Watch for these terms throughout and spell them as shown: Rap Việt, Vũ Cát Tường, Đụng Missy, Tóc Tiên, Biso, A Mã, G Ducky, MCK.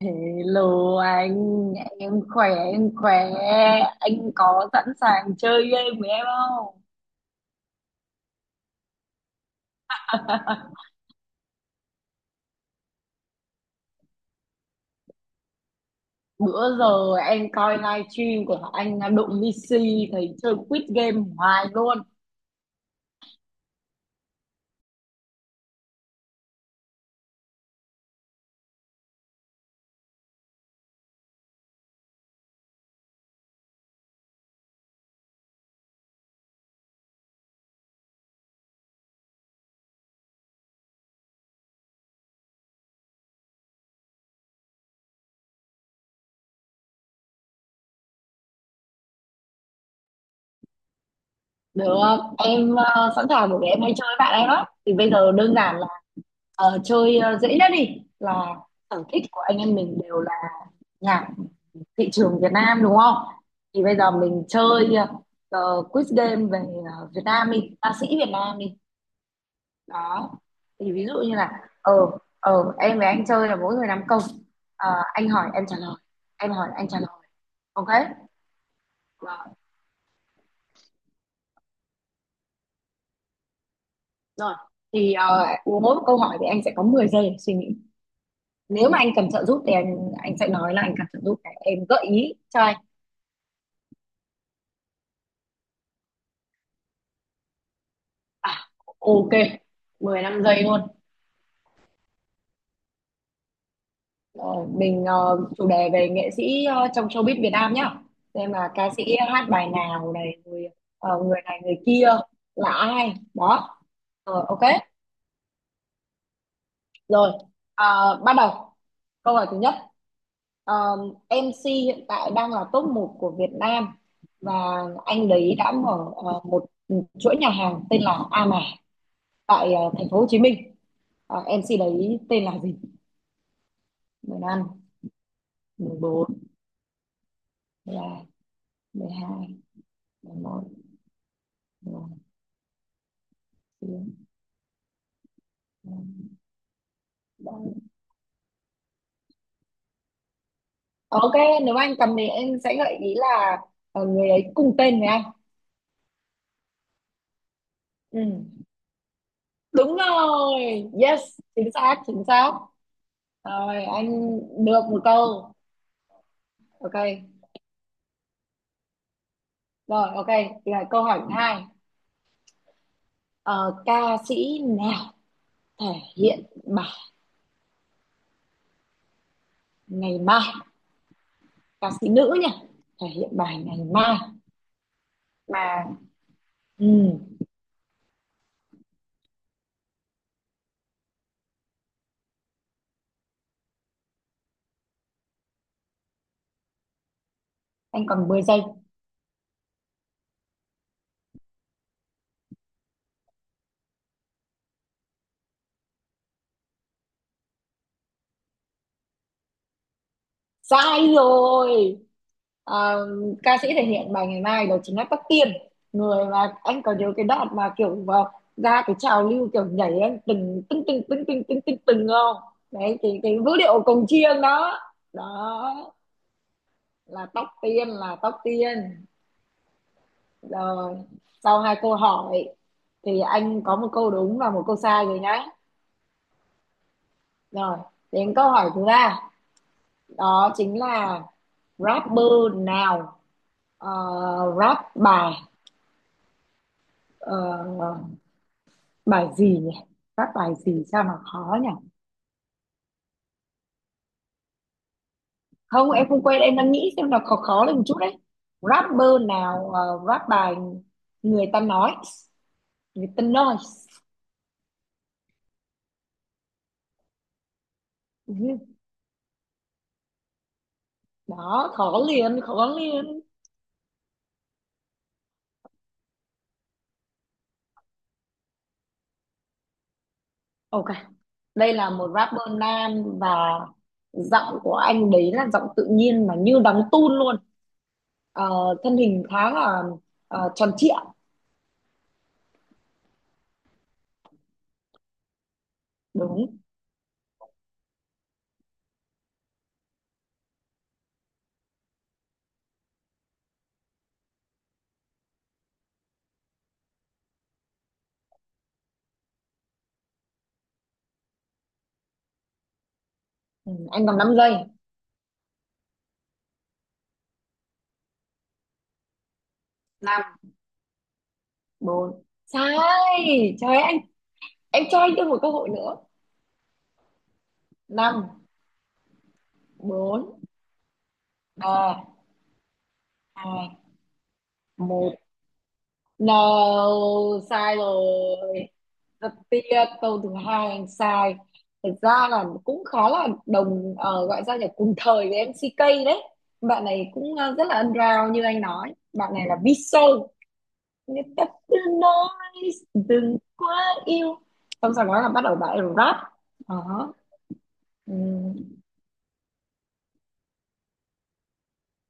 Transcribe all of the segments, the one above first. Hello anh, em khỏe, em khỏe. Anh có sẵn sàng chơi game với em không? Bữa giờ em coi livestream của anh Đụng Missy thấy chơi quiz game hoài luôn. Được, không? Em sẵn sàng bởi vì em hay chơi với bạn em đó. Thì bây giờ đơn giản là chơi dễ nhất đi, là sở thích của anh em mình đều là nhạc thị trường Việt Nam, đúng không? Thì bây giờ mình chơi ờ, quiz game về Việt Nam đi, ca sĩ Việt Nam đi. Đó, thì ví dụ như là ờ ờ em với anh chơi là mỗi người năm câu. Ờ, anh hỏi em trả lời, em hỏi anh trả lời, ok. Đó. Rồi, thì mỗi một câu hỏi thì anh sẽ có 10 giây để suy nghĩ. Nếu mà anh cần trợ giúp thì anh sẽ nói là anh cần trợ giúp để em gợi ý cho anh. À, ok, 15 giây luôn. Rồi, mình chủ đề về nghệ sĩ trong showbiz Việt Nam nhá. Xem là ca sĩ hát bài nào, này người người này người kia là ai đó. Ờ, ok. Rồi, bắt đầu. Câu hỏi thứ nhất, Ờ, MC hiện tại đang là top một của Việt Nam và anh đấy đã mở một chuỗi nhà hàng tên là A Mã tại thành phố Hồ Chí Minh. Ờ, MC đấy tên là gì? Mười 14, mười 12, mười 12, mười 14. Ok, nếu anh cầm thì em sẽ gợi ý là người ấy cùng tên với anh. Ừ. Đúng rồi, yes, chính xác, chính xác. Rồi, anh được một câu. Ok, rồi ok, là câu hỏi thứ hai. Ờ, ca sĩ nào thể hiện bài ngày mai? Ca sĩ nữ nhỉ? Thể hiện bài ngày mai mà. Ừ, anh còn 10 giây. Sai rồi. Ờ, ca sĩ thể hiện bài ngày mai đó chính là Tóc Tiên. Người mà anh có nhớ cái đoạn mà kiểu vào ra cái trào lưu kiểu nhảy anh từng từng từng từng từng từng từng từng không? Đấy, cái vũ điệu cồng chiêng đó. Đó là Tóc Tiên, là Tóc Tiên. Rồi, sau hai câu hỏi thì anh có một câu đúng và một câu sai rồi nhá. Rồi, đến câu hỏi thứ ba. Đó chính là rapper nào ờ, rap bài ờ, bài gì nhỉ? Rap bài gì sao nó khó nhỉ? Không, em không quên, em đang nghĩ xem nó khó, khó lên một chút đấy. Rapper nào rap bài người ta nói, người ta nói. Ừ. Đó, khó liền, khó liền. Ok, đây là một rapper nam và giọng của anh đấy là giọng tự nhiên mà như đóng tun luôn. Ờ, thân hình khá là tròn trịa, đúng. Ừ, anh còn năm giây. Năm, bốn, sai. Trời ơi, anh, em cho anh thêm một cơ hội nữa. Năm, bốn, ba, hai, một. No, sai rồi. Rất tiếc câu thứ hai anh sai. Thật ra là cũng khá là đồng gọi ra là cùng thời với em, MCK đấy. Bạn này cũng rất là underground, như anh nói bạn này là Biso. Người ta cứ nói đừng quá yêu, xong sau đó là bắt đầu bà rap đó. Ừ.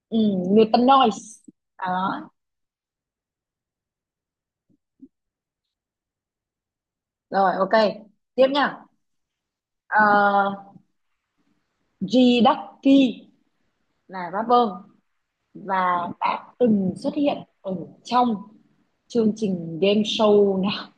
Ừ. Người ta nói đó. Rồi ok, tiếp nha. uh, G Ducky là rapper và đã từng xuất hiện ở trong chương trình game show nào?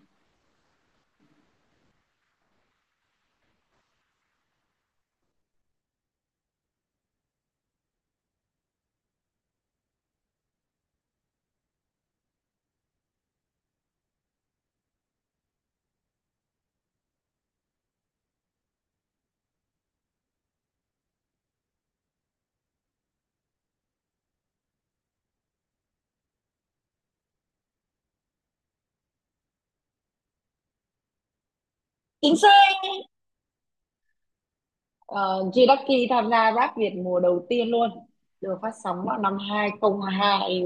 Chính xác. G Ducky tham gia Rap Việt mùa đầu tiên luôn, được phát sóng vào năm 2002.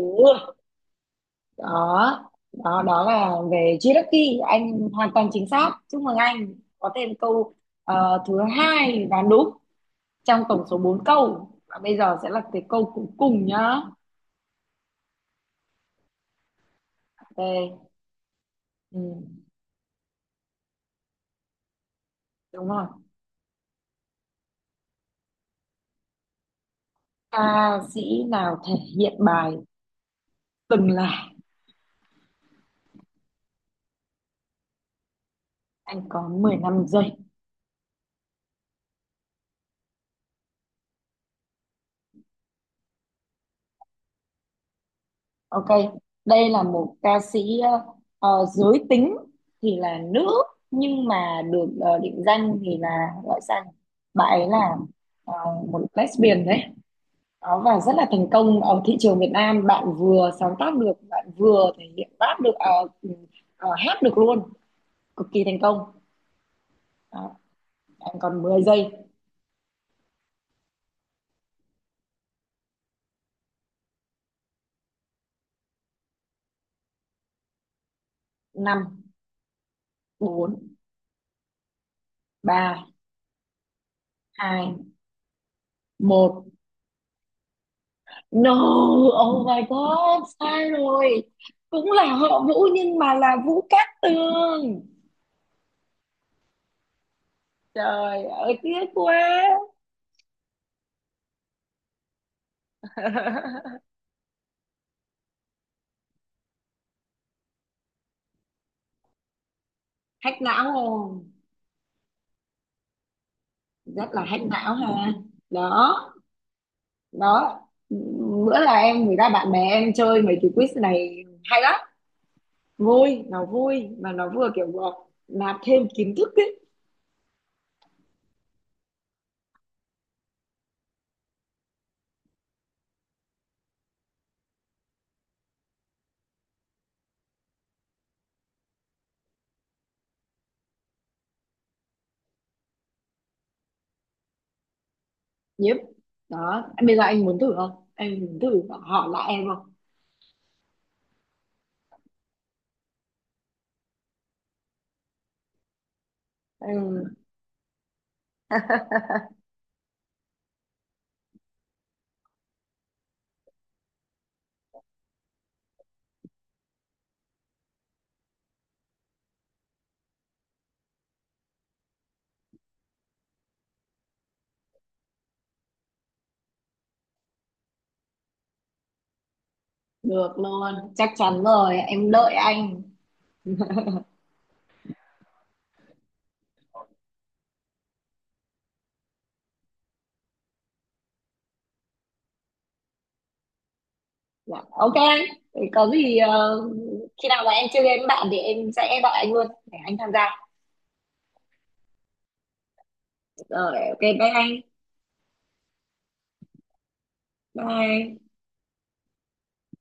Đó đó đó là về Jiraki, anh hoàn toàn chính xác, chúc mừng anh có thêm câu thứ hai và đúng trong tổng số 4 câu. Và bây giờ sẽ là cái câu cuối cùng nhá. Ok. Ừ, đúng rồi. Ca sĩ nào thể hiện bài từng là? Anh có 15 giây. Ok, đây là một ca sĩ giới tính thì là nữ nhưng mà được định danh thì là gọi sang bạn ấy là ờ, một lesbian đấy. Đó, và rất là thành công ở thị trường Việt Nam, bạn vừa sáng tác được, bạn vừa thể hiện rap được, à, ừm, hát được luôn, cực kỳ thành công. Đó, bạn còn mười giây. Năm, bốn, ba, hai, một. No, oh my god, sai rồi. Cũng là họ Vũ nhưng mà là Vũ Cát Tường. Trời ơi, tiếc quá. Hack não không? Rất là hack não ha. Đó. Đó, bữa là em, người ta, bạn bè em chơi mấy cái quiz này hay lắm, vui, nó vui mà nó vừa kiểu vừa nạp thêm kiến thức ấy. Yep. Đó, bây giờ anh muốn thử không, anh muốn thử hỏi lại em không? Ừ. Được luôn, chắc chắn rồi, em đợi anh. Dạ, ok. Thế có gì khi nào mà em chơi game với bạn thì em sẽ gọi anh luôn để anh tham gia. Rồi ok, bye anh. Bye.